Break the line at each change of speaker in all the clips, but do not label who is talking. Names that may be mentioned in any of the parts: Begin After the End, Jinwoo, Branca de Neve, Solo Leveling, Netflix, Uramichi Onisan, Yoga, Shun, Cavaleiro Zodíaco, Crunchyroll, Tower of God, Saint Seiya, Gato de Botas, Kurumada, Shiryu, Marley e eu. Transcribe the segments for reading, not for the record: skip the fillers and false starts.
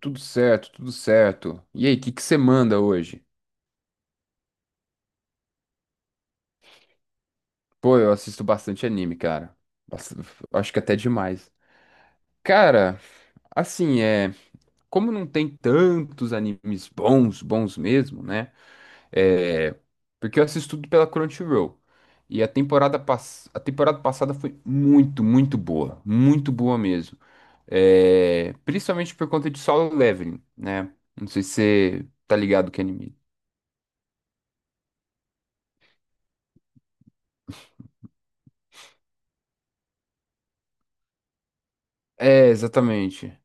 Tudo certo, tudo certo. E aí, o que que você manda hoje? Pô, eu assisto bastante anime, cara. Bast- Acho que até demais. Cara, assim, é. Como não tem tantos animes bons, bons mesmo, né? É. Porque eu assisto tudo pela Crunchyroll. E a a temporada passada foi muito, muito boa. Muito boa mesmo. É. Principalmente por conta de Solo Leveling, né? Não sei se você tá ligado que é anime. É, exatamente.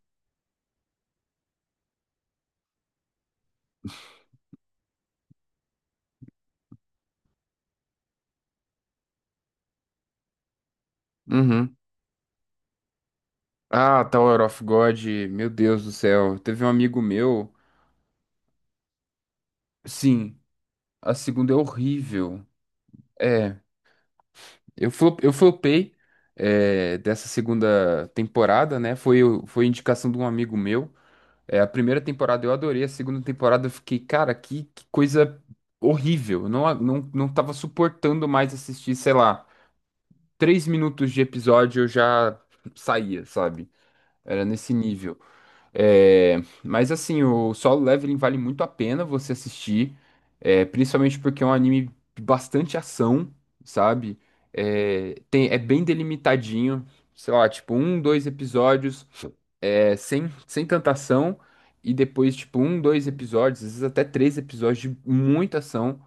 Uhum. Ah, Tower of God, meu Deus do céu. Teve um amigo meu. Sim, a segunda é horrível. É, eu flopei dessa segunda temporada, né? Foi indicação de um amigo meu. É, a primeira temporada eu adorei, a segunda temporada eu fiquei, cara, que coisa horrível. Eu Não, a- não, não tava suportando mais assistir, sei lá, três minutos de episódio eu já saía, sabe? Era nesse nível. É, mas assim, o Solo Leveling vale muito a pena você assistir, principalmente porque é um anime de bastante ação, sabe? É, tem, é bem delimitadinho, sei lá, tipo um, dois episódios, sem tanta ação, e depois tipo um, dois episódios, às vezes até três episódios de muita ação.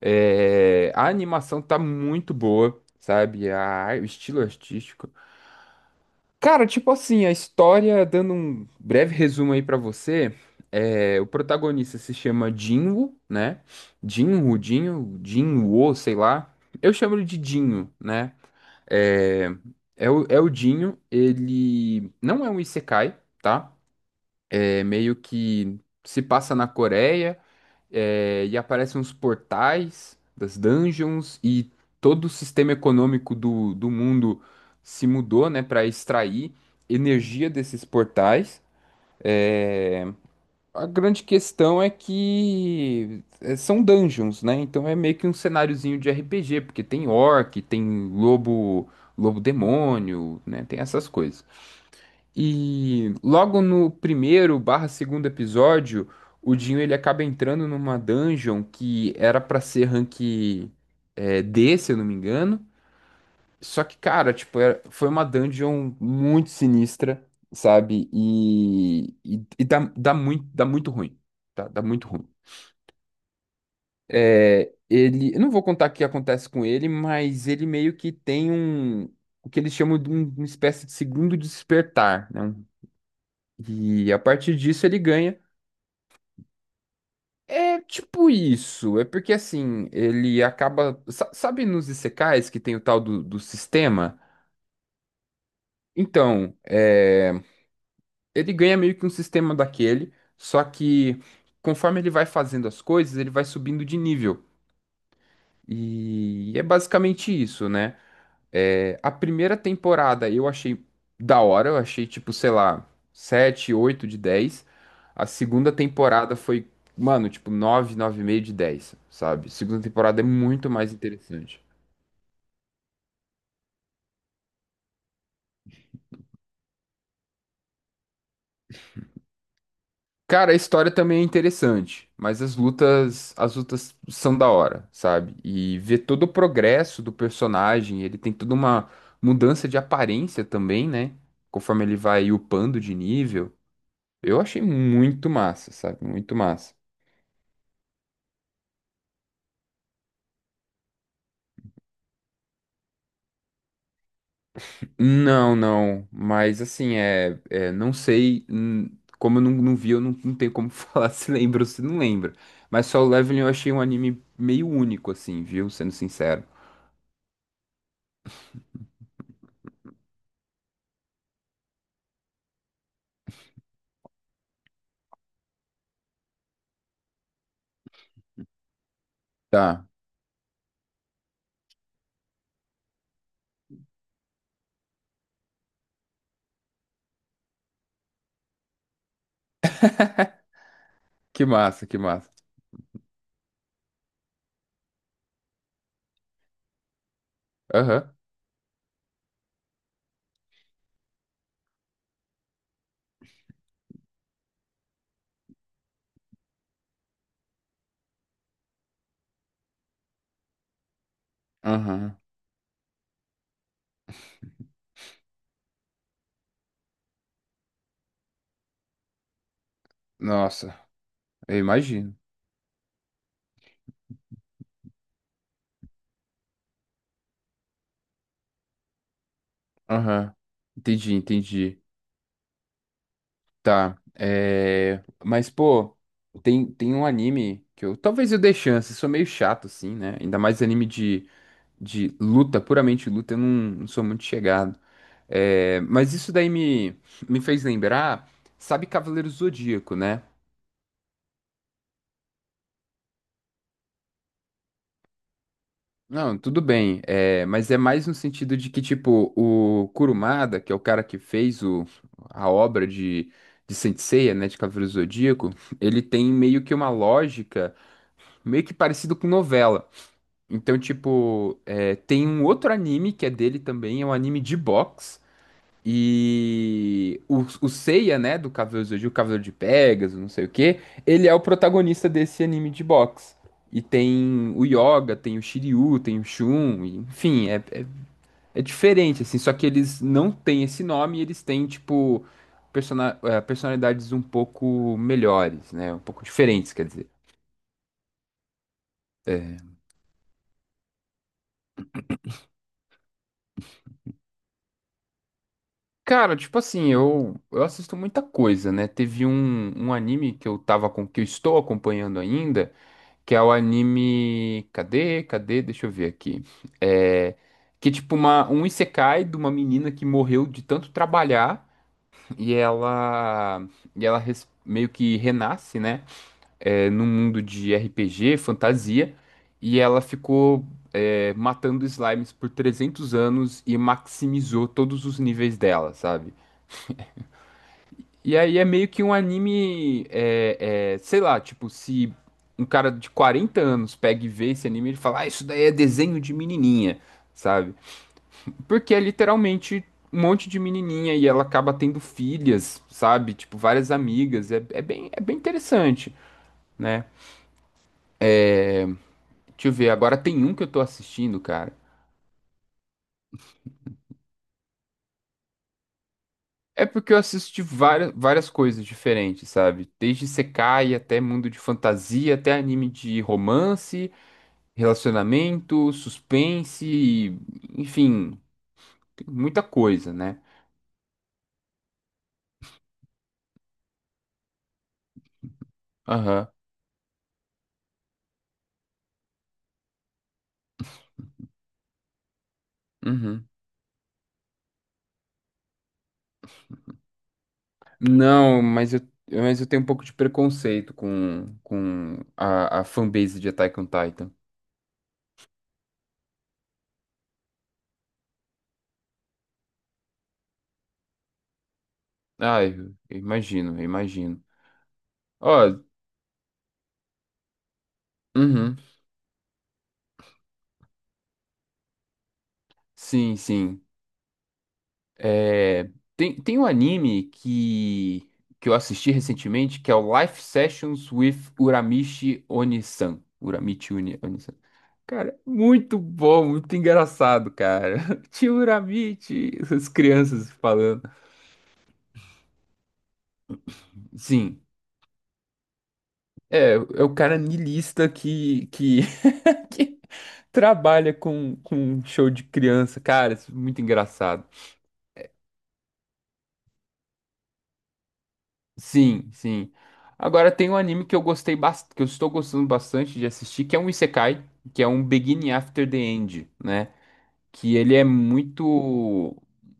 É, a animação tá muito boa, sabe? O estilo artístico. Cara, tipo assim, a história, dando um breve resumo aí pra você, o protagonista se chama Jinwoo, né? Jinwoo, Jinwoo, Jinwoo, sei lá. Eu chamo ele de Dinho, né? É, é o Dinho, ele não é um isekai, tá? É meio que se passa na Coreia, e aparecem uns portais das dungeons e todo o sistema econômico do mundo se mudou, né, para extrair energia desses portais. É, a grande questão é que são dungeons, né? Então é meio que um cenáriozinho de RPG, porque tem orc, tem lobo, lobo demônio, né? Tem essas coisas. E logo no primeiro barra segundo episódio, o Dinho ele acaba entrando numa dungeon que era pra ser rank D, se eu não me engano. Só que, cara, tipo, foi uma dungeon muito sinistra, sabe? E, dá muito ruim. Tá? Dá muito ruim. É, ele, eu não vou contar o que acontece com ele, mas ele meio que o que eles chamam de uma espécie de segundo despertar, né? E a partir disso ele ganha. É tipo isso. É porque assim, ele acaba. Sabe nos Isekais que tem o tal do sistema? Então, ele ganha meio que um sistema daquele, só que conforme ele vai fazendo as coisas, ele vai subindo de nível. E é basicamente isso, né? É, a primeira temporada eu achei da hora, eu achei tipo, sei lá, 7 8 de 10. A segunda temporada foi, mano, tipo 9, meio de 10, sabe? A segunda temporada é muito mais interessante. Cara, a história também é interessante, mas as lutas são da hora, sabe? E ver todo o progresso do personagem, ele tem toda uma mudança de aparência também, né? Conforme ele vai upando de nível. Eu achei muito massa, sabe? Muito massa. Não, não. Mas assim, não sei. Como eu não vi, eu não tenho como falar se lembra ou se não lembra. Mas Solo Leveling eu achei um anime meio único, assim, viu? Sendo sincero. Tá. Que massa, que massa. Aham. Aham. Nossa, eu imagino. Aham. Entendi, entendi. Tá. É. Mas, pô, tem um anime que eu. Talvez eu dê chance. Sou meio chato, assim, né? Ainda mais anime de luta, puramente luta, eu não sou muito chegado. É, mas isso daí me fez lembrar, sabe Cavaleiro Zodíaco, né? Não, tudo bem, é, mas é mais no sentido de que, tipo, o Kurumada, que é o cara que fez a obra de Saint Seiya, né, de Cavaleiro Zodíaco, ele tem meio que uma lógica meio que parecido com novela. Então, tipo, tem um outro anime que é dele também, é um anime de boxe. E o Seiya, né, do Cavaleiro do Zodíaco, Cavaleiro de Pegasus, não sei o quê, ele é o protagonista desse anime de boxe. E tem o Yoga, tem o Shiryu, tem o Shun, e, enfim, é diferente, assim, só que eles não têm esse nome, e eles têm, tipo, personalidades um pouco melhores, né, um pouco diferentes, quer dizer. É. Cara, tipo assim, eu assisto muita coisa, né? Teve um anime que eu estou acompanhando ainda. Que é o anime. Cadê? Cadê? Deixa eu ver aqui. É. Que é tipo um isekai de uma menina que morreu de tanto trabalhar e ela. E ela meio que renasce, né? É, num mundo de RPG, fantasia. E ela ficou. Matando slimes por 300 anos e maximizou todos os níveis dela, sabe? E aí é meio que um anime, sei lá, tipo, se um cara de 40 anos pega e vê esse anime, ele fala, ah, isso daí é desenho de menininha, sabe? Porque é literalmente um monte de menininha e ela acaba tendo filhas, sabe? Tipo, várias amigas, é bem interessante, né? Deixa eu ver, agora tem um que eu tô assistindo, cara. É porque eu assisti várias, várias coisas diferentes, sabe? Desde Sekai até mundo de fantasia, até anime de romance, relacionamento, suspense, enfim, tem muita coisa, né? Aham. Uhum. Não, mas eu tenho um pouco de preconceito com a fanbase de Attack on Titan. Ah, eu imagino, eu imagino. Ó, uhum, sim, sim. É, tem um anime que eu assisti recentemente que é o Life Sessions with Uramichi Onisan. Onisan. Cara, muito bom, muito engraçado, cara. Tio Urabite, as crianças falando. Sim, é o cara niilista que trabalha com show de criança, cara, isso é muito engraçado. Sim, sim. Agora tem um anime que eu gostei bastante, que eu estou gostando bastante de assistir, que é um Isekai, que é um Begin After the End, né? Que ele é muito.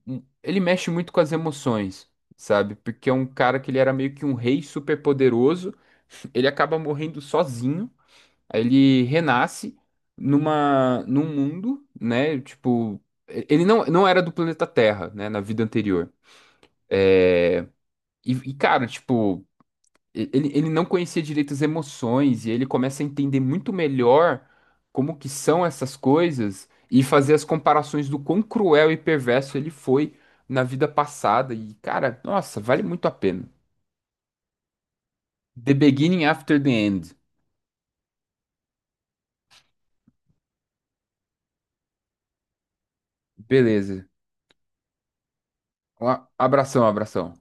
Ele mexe muito com as emoções, sabe? Porque é um cara que ele era meio que um rei super poderoso, ele acaba morrendo sozinho, aí ele renasce num mundo, né? Tipo, ele não era do planeta Terra, né? Na vida anterior. E, cara, tipo, ele não conhecia direito as emoções e ele começa a entender muito melhor como que são essas coisas e fazer as comparações do quão cruel e perverso ele foi na vida passada. E, cara, nossa, vale muito a pena. The Beginning After the End. Beleza. Abração, abração.